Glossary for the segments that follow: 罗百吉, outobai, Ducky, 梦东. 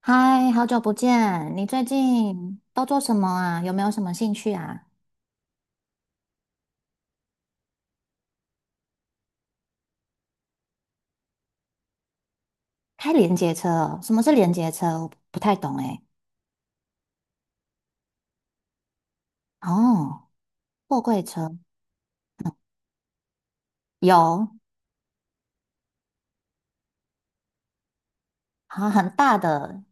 嗨，好久不见！你最近都做什么啊？有没有什么兴趣啊？开连接车哦，什么是连接车？我不太懂诶。哦，货柜车，有，好很大的，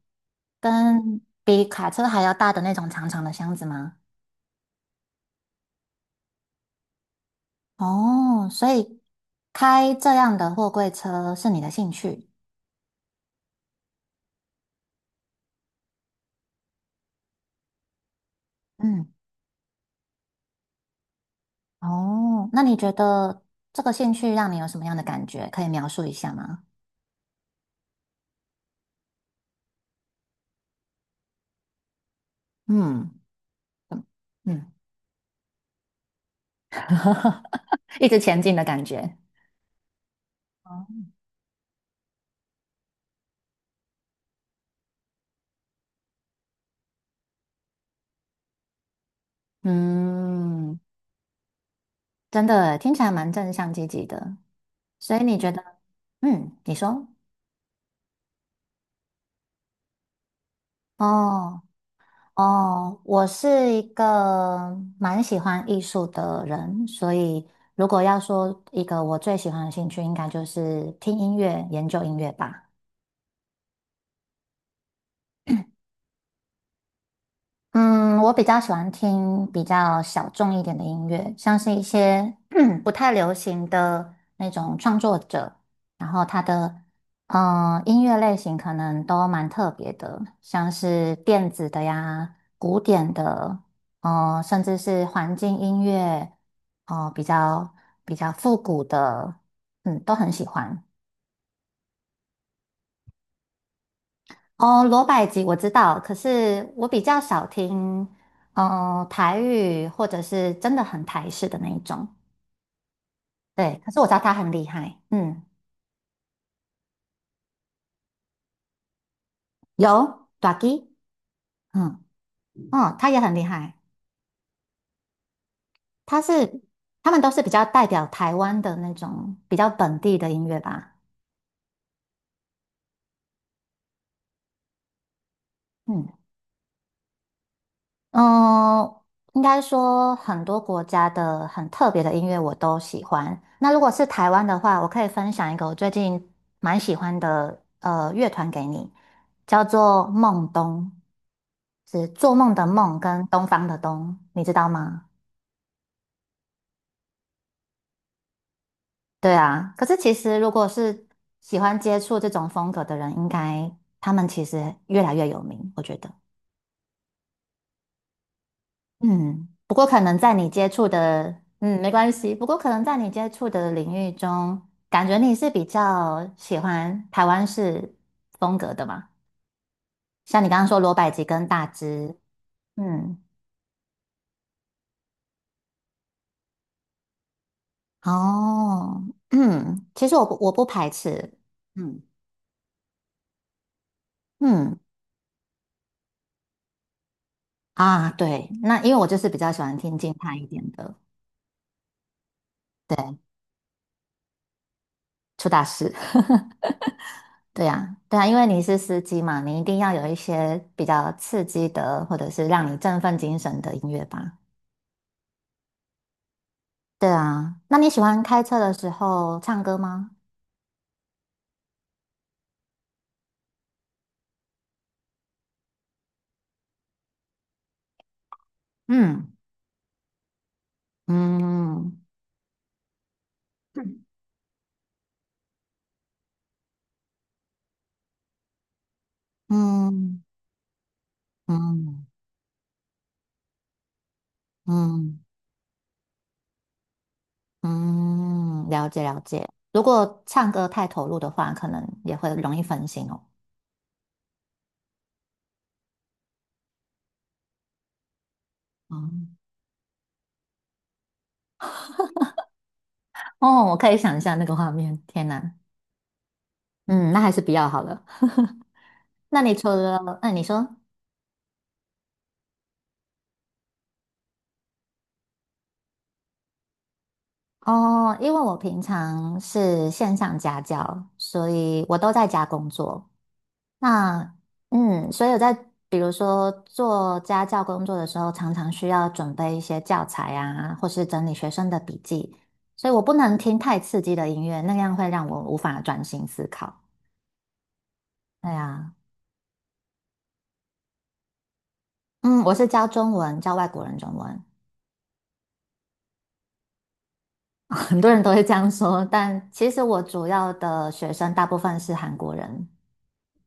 跟比卡车还要大的那种长长的箱子吗？哦，所以开这样的货柜车是你的兴趣？嗯，哦，那你觉得这个兴趣让你有什么样的感觉？可以描述一下吗？嗯。嗯。一直前进的感觉。哦，嗯，真的听起来蛮正向积极的。所以你觉得，嗯，你说，哦。哦，我是一个蛮喜欢艺术的人，所以如果要说一个我最喜欢的兴趣，应该就是听音乐、研究音乐吧。嗯，我比较喜欢听比较小众一点的音乐，像是一些 不太流行的那种创作者，然后他的音乐类型可能都蛮特别的，像是电子的呀、古典的，甚至是环境音乐，哦、比较比较复古的，嗯，都很喜欢。哦，罗百吉我知道，可是我比较少听，嗯、台语或者是真的很台式的那一种。对，可是我知道他很厉害，嗯，有 Ducky，嗯。嗯，哦他也很厉害，他是他们都是比较代表台湾的那种比较本地的音乐吧，嗯。嗯，应该说很多国家的很特别的音乐我都喜欢。那如果是台湾的话，我可以分享一个我最近蛮喜欢的乐团给你，叫做梦东，是做梦的梦跟东方的东，你知道吗？对啊，可是其实如果是喜欢接触这种风格的人，应该他们其实越来越有名，我觉得。嗯，不过可能在你接触的，嗯，没关系。不过可能在你接触的领域中，感觉你是比较喜欢台湾式风格的嘛？像你刚刚说罗百吉跟大只，嗯，哦，嗯，其实我不排斥，嗯。嗯。啊，对，那因为我就是比较喜欢听静态一点的，出大事，对呀对呀，因为你是司机嘛，你一定要有一些比较刺激的，或者是让你振奋精神的音乐吧。对啊，那你喜欢开车的时候唱歌吗？嗯。嗯。嗯。嗯。嗯。嗯，了解了解。如果唱歌太投入的话，可能也会容易分心哦。嗯。哦，我可以想象那个画面，天哪！嗯，那还是不要好了。那你除了，那你说哦，因为我平常是线上家教，所以我都在家工作。那嗯，所以我在比如说做家教工作的时候，常常需要准备一些教材啊，或是整理学生的笔记，所以我不能听太刺激的音乐，那样会让我无法专心思考。对啊。嗯，我是教中文，教外国人中文。很多人都会这样说，但其实我主要的学生大部分是韩国人，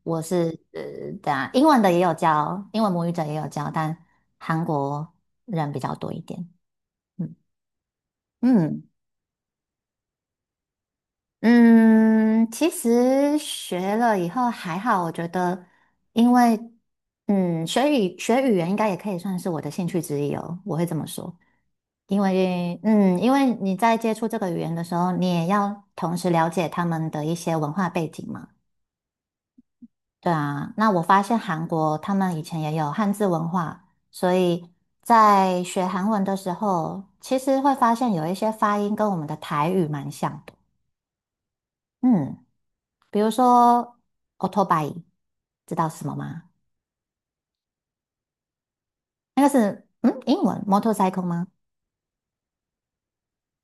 我是呃，对啊，英文的也有教，英文母语者也有教，但韩国人比较多一点。嗯。嗯。嗯，其实学了以后还好，我觉得，因为嗯，学语言应该也可以算是我的兴趣之一哦，我会这么说。因为嗯，因为你在接触这个语言的时候，你也要同时了解他们的一些文化背景嘛。对啊，那我发现韩国他们以前也有汉字文化，所以在学韩文的时候，其实会发现有一些发音跟我们的台语蛮像的。嗯。比如说 o u t o b i， 知道是什么吗？那个是嗯，英文 motorcycle 吗？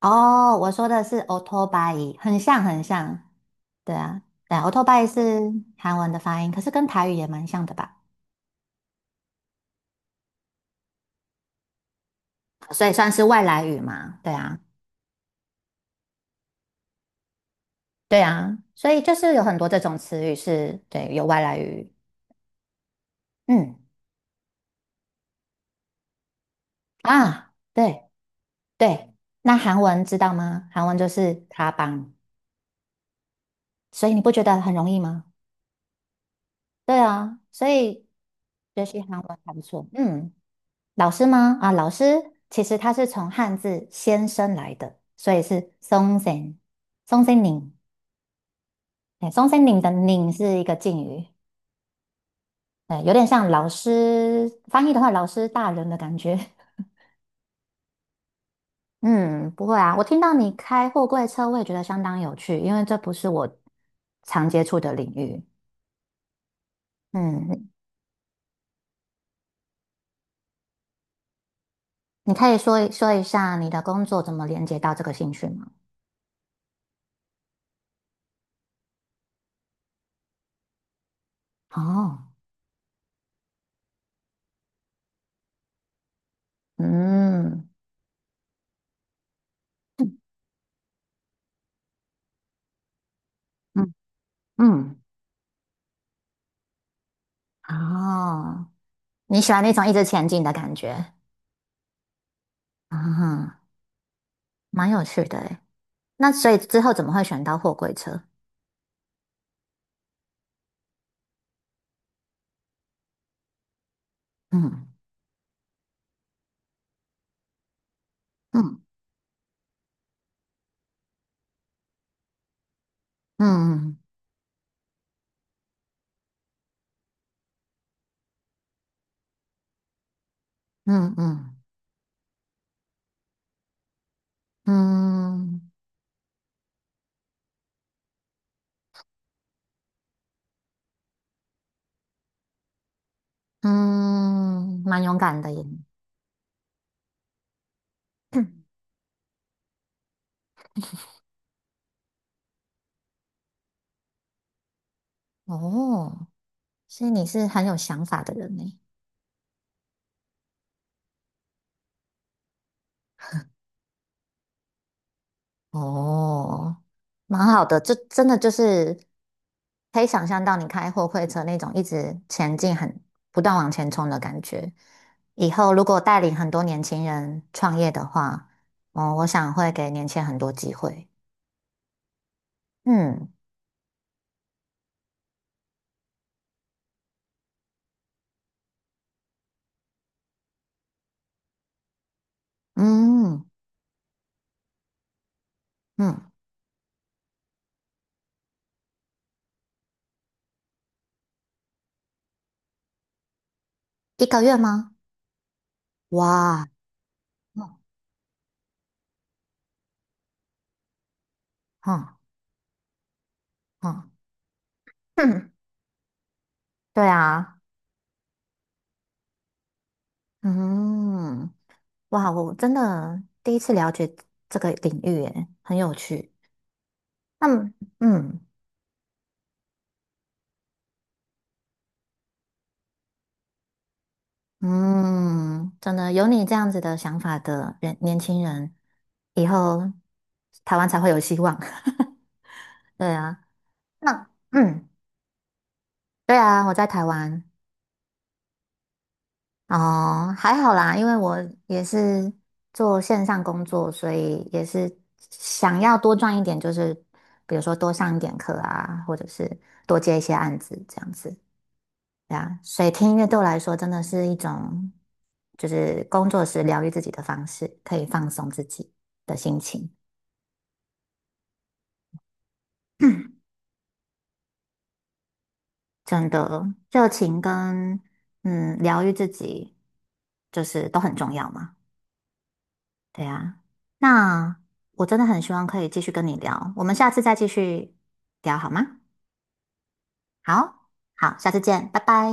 哦，我说的是 o u t o b i 很像很像。对啊，对 a u t o b i 是韩文的发音，可是跟台语也蛮像的吧？所以算是外来语嘛。对啊。对啊，所以就是有很多这种词语是，对，有外来语。嗯。啊，对对，那韩文知道吗？韩文就是卡邦，所以你不觉得很容易吗？对啊，所以学习韩文还不错。嗯，老师吗？啊，老师其实他是从汉字先生来的，所以是松森宁。哎，松森宁的宁是一个敬语，哎，有点像老师翻译的话，老师大人的感觉。嗯，不会啊，我听到你开货柜车，我也觉得相当有趣，因为这不是我常接触的领域。嗯，你你可以说一下你的工作怎么连接到这个兴趣吗？哦。嗯。嗯。嗯，哦，你喜欢那种一直前进的感觉，啊、蛮有趣的诶。那所以之后怎么会选到货柜车？嗯。嗯。嗯。嗯。嗯。嗯。嗯，蛮勇敢的耶。哦，所以你是很有想法的人呢。哦，蛮好的，这真的就是可以想象到你开货柜车那种一直前进、很不断往前冲的感觉。以后如果带领很多年轻人创业的话，哦，我想会给年轻人很多机会。嗯。嗯。嗯，一个月吗？哇。嗯。嗯。嗯。哼，对啊。嗯。哇，我真的第一次了解这个领域，耶，很有趣。那么嗯。嗯，真的有你这样子的想法的人，年轻人，以后台湾才会有希望。对啊，那嗯，对啊，我在台湾，哦，还好啦，因为我也是做线上工作，所以也是想要多赚一点，就是比如说多上一点课啊，或者是多接一些案子这样子。对啊，所以听音乐对我来说真的是一种，就是工作时疗愈自己的方式，可以放松自己的心情，真的热情跟疗愈自己，就是都很重要嘛。对啊，那我真的很希望可以继续跟你聊，我们下次再继续聊好吗？好，好，下次见，拜拜。